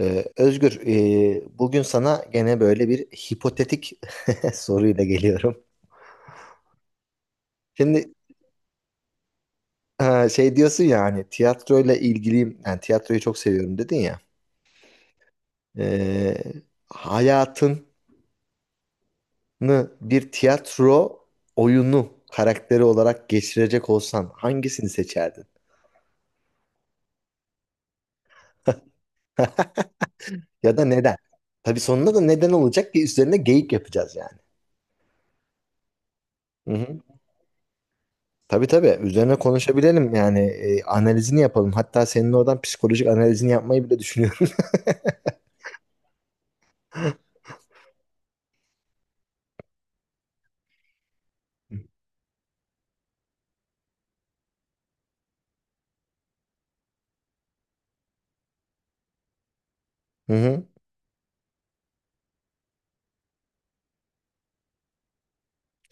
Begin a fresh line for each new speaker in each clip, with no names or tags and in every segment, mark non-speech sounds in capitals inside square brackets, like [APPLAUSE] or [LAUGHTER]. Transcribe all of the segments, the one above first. Özgür, bugün sana gene böyle bir hipotetik [LAUGHS] soruyla geliyorum. Şimdi ha, şey diyorsun ya hani tiyatroyla ilgiliyim, yani tiyatroyu çok seviyorum dedin ya. Ee, hayatını bir tiyatro oyunu karakteri olarak geçirecek olsan hangisini seçerdin? Ya da neden? Tabii sonunda da neden olacak ki üzerine geyik yapacağız yani. Hı hı. Tabii tabii üzerine konuşabilelim yani analizini yapalım. Hatta senin oradan psikolojik analizini yapmayı bile düşünüyorum. Hı hı.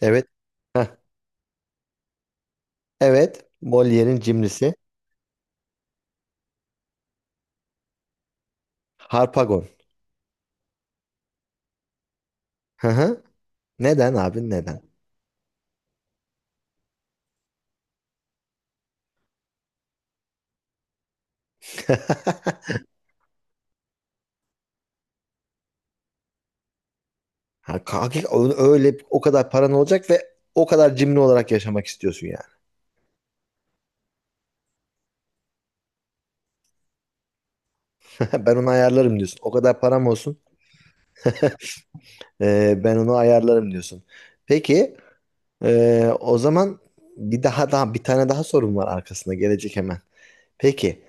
Evet. Heh. Evet. Molière'in cimrisi. Harpagon. Hı hı. Neden abi neden? [LAUGHS] Öyle o kadar paran olacak ve o kadar cimri olarak yaşamak istiyorsun yani. [LAUGHS] Ben onu ayarlarım diyorsun. O kadar param olsun. Ben onu ayarlarım diyorsun. Peki o zaman bir tane daha sorun var arkasında gelecek hemen. Peki.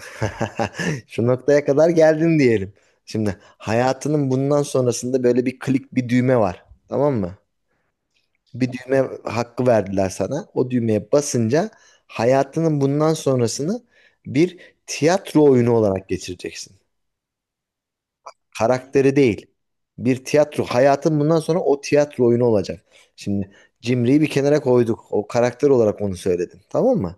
[LAUGHS] Şu noktaya kadar geldin diyelim. Şimdi hayatının bundan sonrasında böyle bir klik bir düğme var. Tamam mı? Bir düğme hakkı verdiler sana. O düğmeye basınca hayatının bundan sonrasını bir tiyatro oyunu olarak geçireceksin. Karakteri değil. Bir tiyatro. Hayatın bundan sonra o tiyatro oyunu olacak. Şimdi Cimri'yi bir kenara koyduk. O karakter olarak onu söyledim. Tamam mı?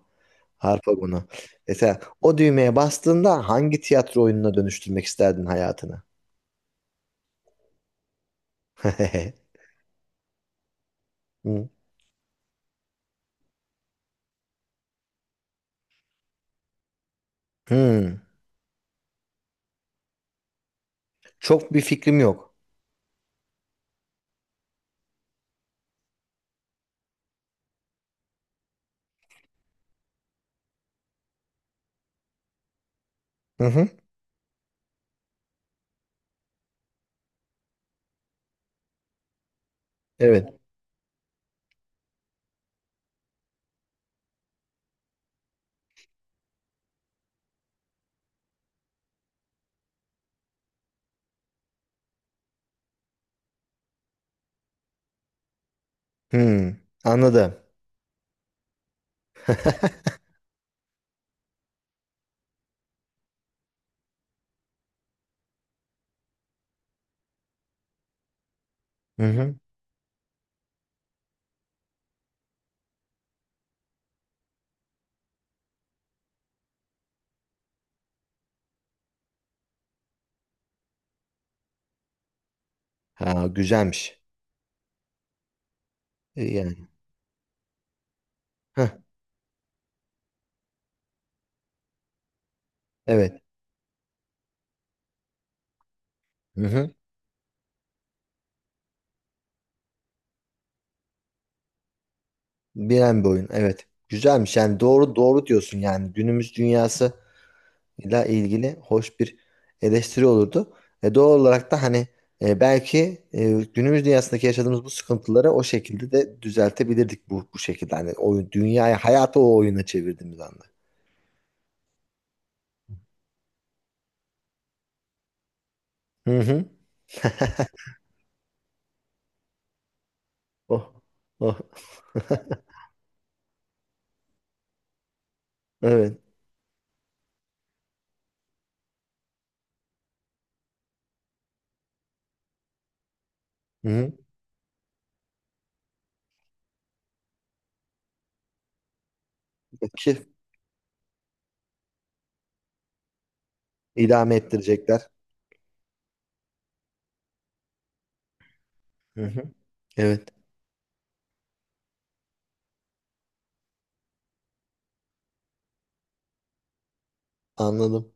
Harp Agunu. Mesela o düğmeye bastığında hangi tiyatro oyununa dönüştürmek isterdin hayatını? [LAUGHS] Hı. Hı. Çok bir fikrim yok. Hı hı. Evet. Hı. Anladım. Hı hı. Ha, güzelmiş. Yani. Heh, evet. Hı hı. Bilen bir oyun. Evet. Güzelmiş. Yani doğru doğru diyorsun yani. Günümüz dünyası ile ilgili hoş bir eleştiri olurdu. Doğal olarak da hani belki günümüz dünyasındaki yaşadığımız bu sıkıntıları o şekilde de düzeltebilirdik bu şekilde. Hani oyun, dünyayı hayatı o oyuna çevirdiğimiz anda. Hı hı. Oh. Oh. Evet. Hı hı. Ki idame ettirecekler. Hı hı. Evet. Anladım.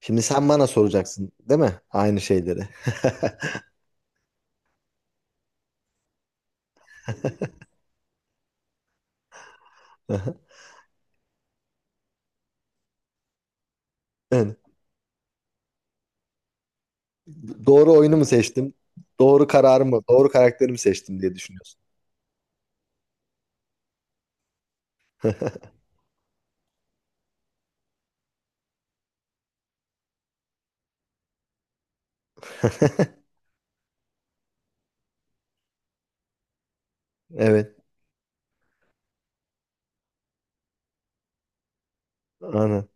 Şimdi sen bana soracaksın, değil mi? Aynı şeyleri. [LAUGHS] Aha. Evet. Doğru oyunu mu seçtim? Doğru kararı mı? Doğru karakterimi seçtim diye düşünüyorsun. [LAUGHS] [LAUGHS] Evet. Aynen.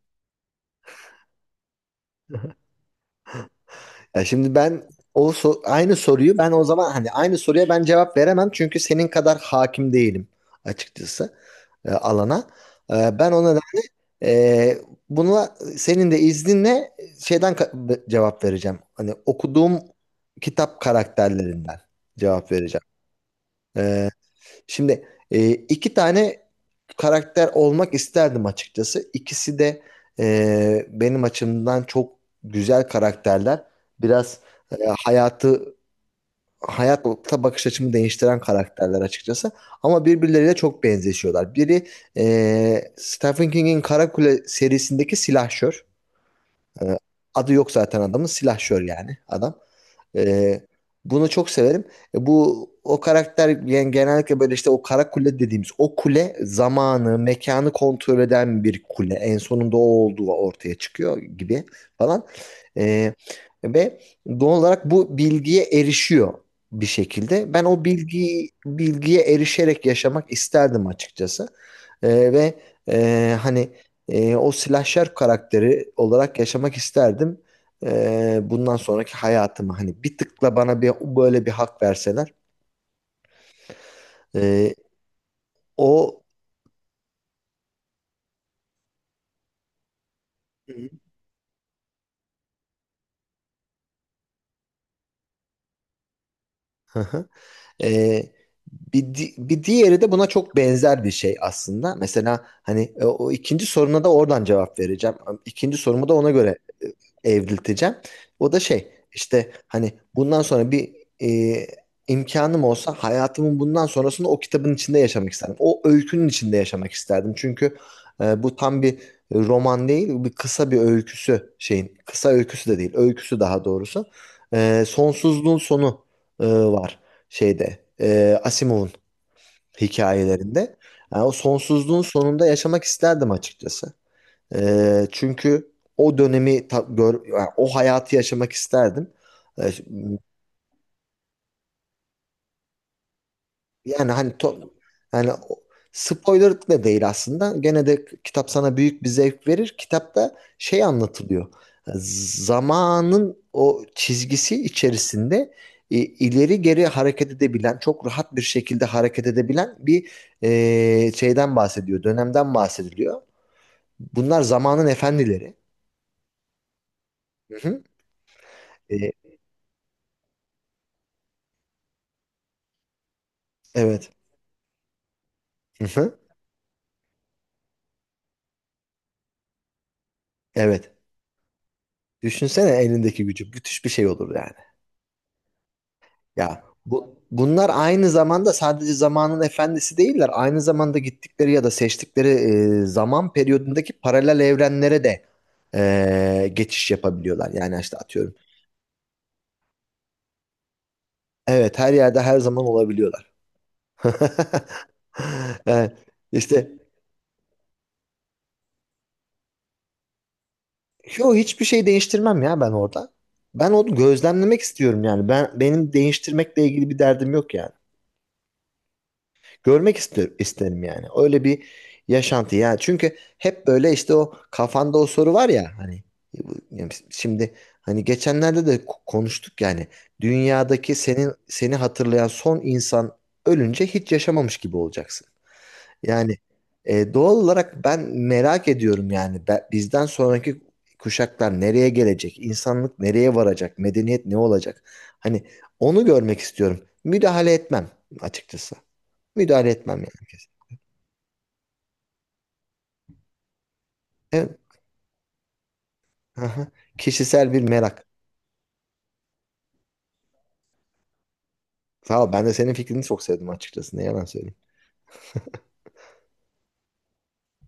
Ya şimdi aynı soruyu ben o zaman hani aynı soruya ben cevap veremem çünkü senin kadar hakim değilim açıkçası alana. Ben ona da e, buna senin de izninle şeyden cevap vereceğim. Hani okuduğum kitap karakterlerinden cevap vereceğim. E, Şimdi iki tane karakter olmak isterdim açıkçası. İkisi de benim açımdan çok güzel karakterler. Biraz e, hayatı hayata bakış açımı değiştiren karakterler açıkçası. Ama birbirleriyle çok benzeşiyorlar. Biri Stephen King'in Karakule serisindeki silahşör. Adı yok zaten adamın silahşör yani adam. Ee, bunu çok severim. Bu o karakter yani genellikle böyle işte o kara kule dediğimiz o kule zamanı, mekanı kontrol eden bir kule. En sonunda o olduğu ortaya çıkıyor gibi falan. Ee, ve doğal olarak bu bilgiye erişiyor bir şekilde. Ben o bilgiye erişerek yaşamak isterdim açıkçası. Ve hani o slasher karakteri olarak yaşamak isterdim bundan sonraki hayatımı hani bir tıkla bana bir böyle bir hak verseler e, o. Hı hı. Ee, bir diğeri de buna çok benzer bir şey aslında. Mesela hani o ikinci soruna da oradan cevap vereceğim. İkinci sorumu da ona göre evrilteceğim. O da şey işte hani bundan sonra bir e, imkanım olsa hayatımın bundan sonrasını o kitabın içinde yaşamak isterdim. O öykünün içinde yaşamak isterdim. Çünkü bu tam bir roman değil, kısa bir öyküsü şeyin. Kısa öyküsü de değil, öyküsü daha doğrusu. Sonsuzluğun sonu var şeyde Asimov'un hikayelerinde. Yani o sonsuzluğun sonunda yaşamak isterdim açıkçası. Çünkü o dönemi ta- gör, yani o hayatı yaşamak isterdim. E, Yani yani o- spoiler da değil aslında. Gene de kitap sana büyük bir zevk verir. Kitapta şey anlatılıyor. Zamanın o çizgisi içerisinde ileri geri hareket edebilen, çok rahat bir şekilde hareket edebilen bir şeyden bahsediyor, dönemden bahsediliyor. Bunlar zamanın efendileri. Hı hı. E, evet. Hı hı. Evet. Düşünsene elindeki gücü. Müthiş bir şey olur yani. Ya bunlar aynı zamanda sadece zamanın efendisi değiller. Aynı zamanda gittikleri ya da seçtikleri zaman periyodundaki paralel evrenlere de geçiş yapabiliyorlar. Yani işte atıyorum. Evet her yerde her zaman olabiliyorlar. [LAUGHS] Evet, işte yo hiçbir şey değiştirmem ya ben orada. Ben onu gözlemlemek istiyorum yani. Benim değiştirmekle ilgili bir derdim yok yani. İsterim yani. Öyle bir yaşantı ya. Çünkü hep böyle işte o kafanda o soru var ya hani yani şimdi hani geçenlerde de konuştuk yani dünyadaki senin seni hatırlayan son insan ölünce hiç yaşamamış gibi olacaksın. Yani doğal olarak ben merak ediyorum yani bizden sonraki kuşaklar nereye gelecek? İnsanlık nereye varacak? Medeniyet ne olacak? Hani onu görmek istiyorum. Müdahale etmem açıkçası. Müdahale etmem yani kesin. Evet. Aha. Kişisel bir merak. Sağ ol. Ben de senin fikrini çok sevdim açıkçası. Ne yalan söyleyeyim.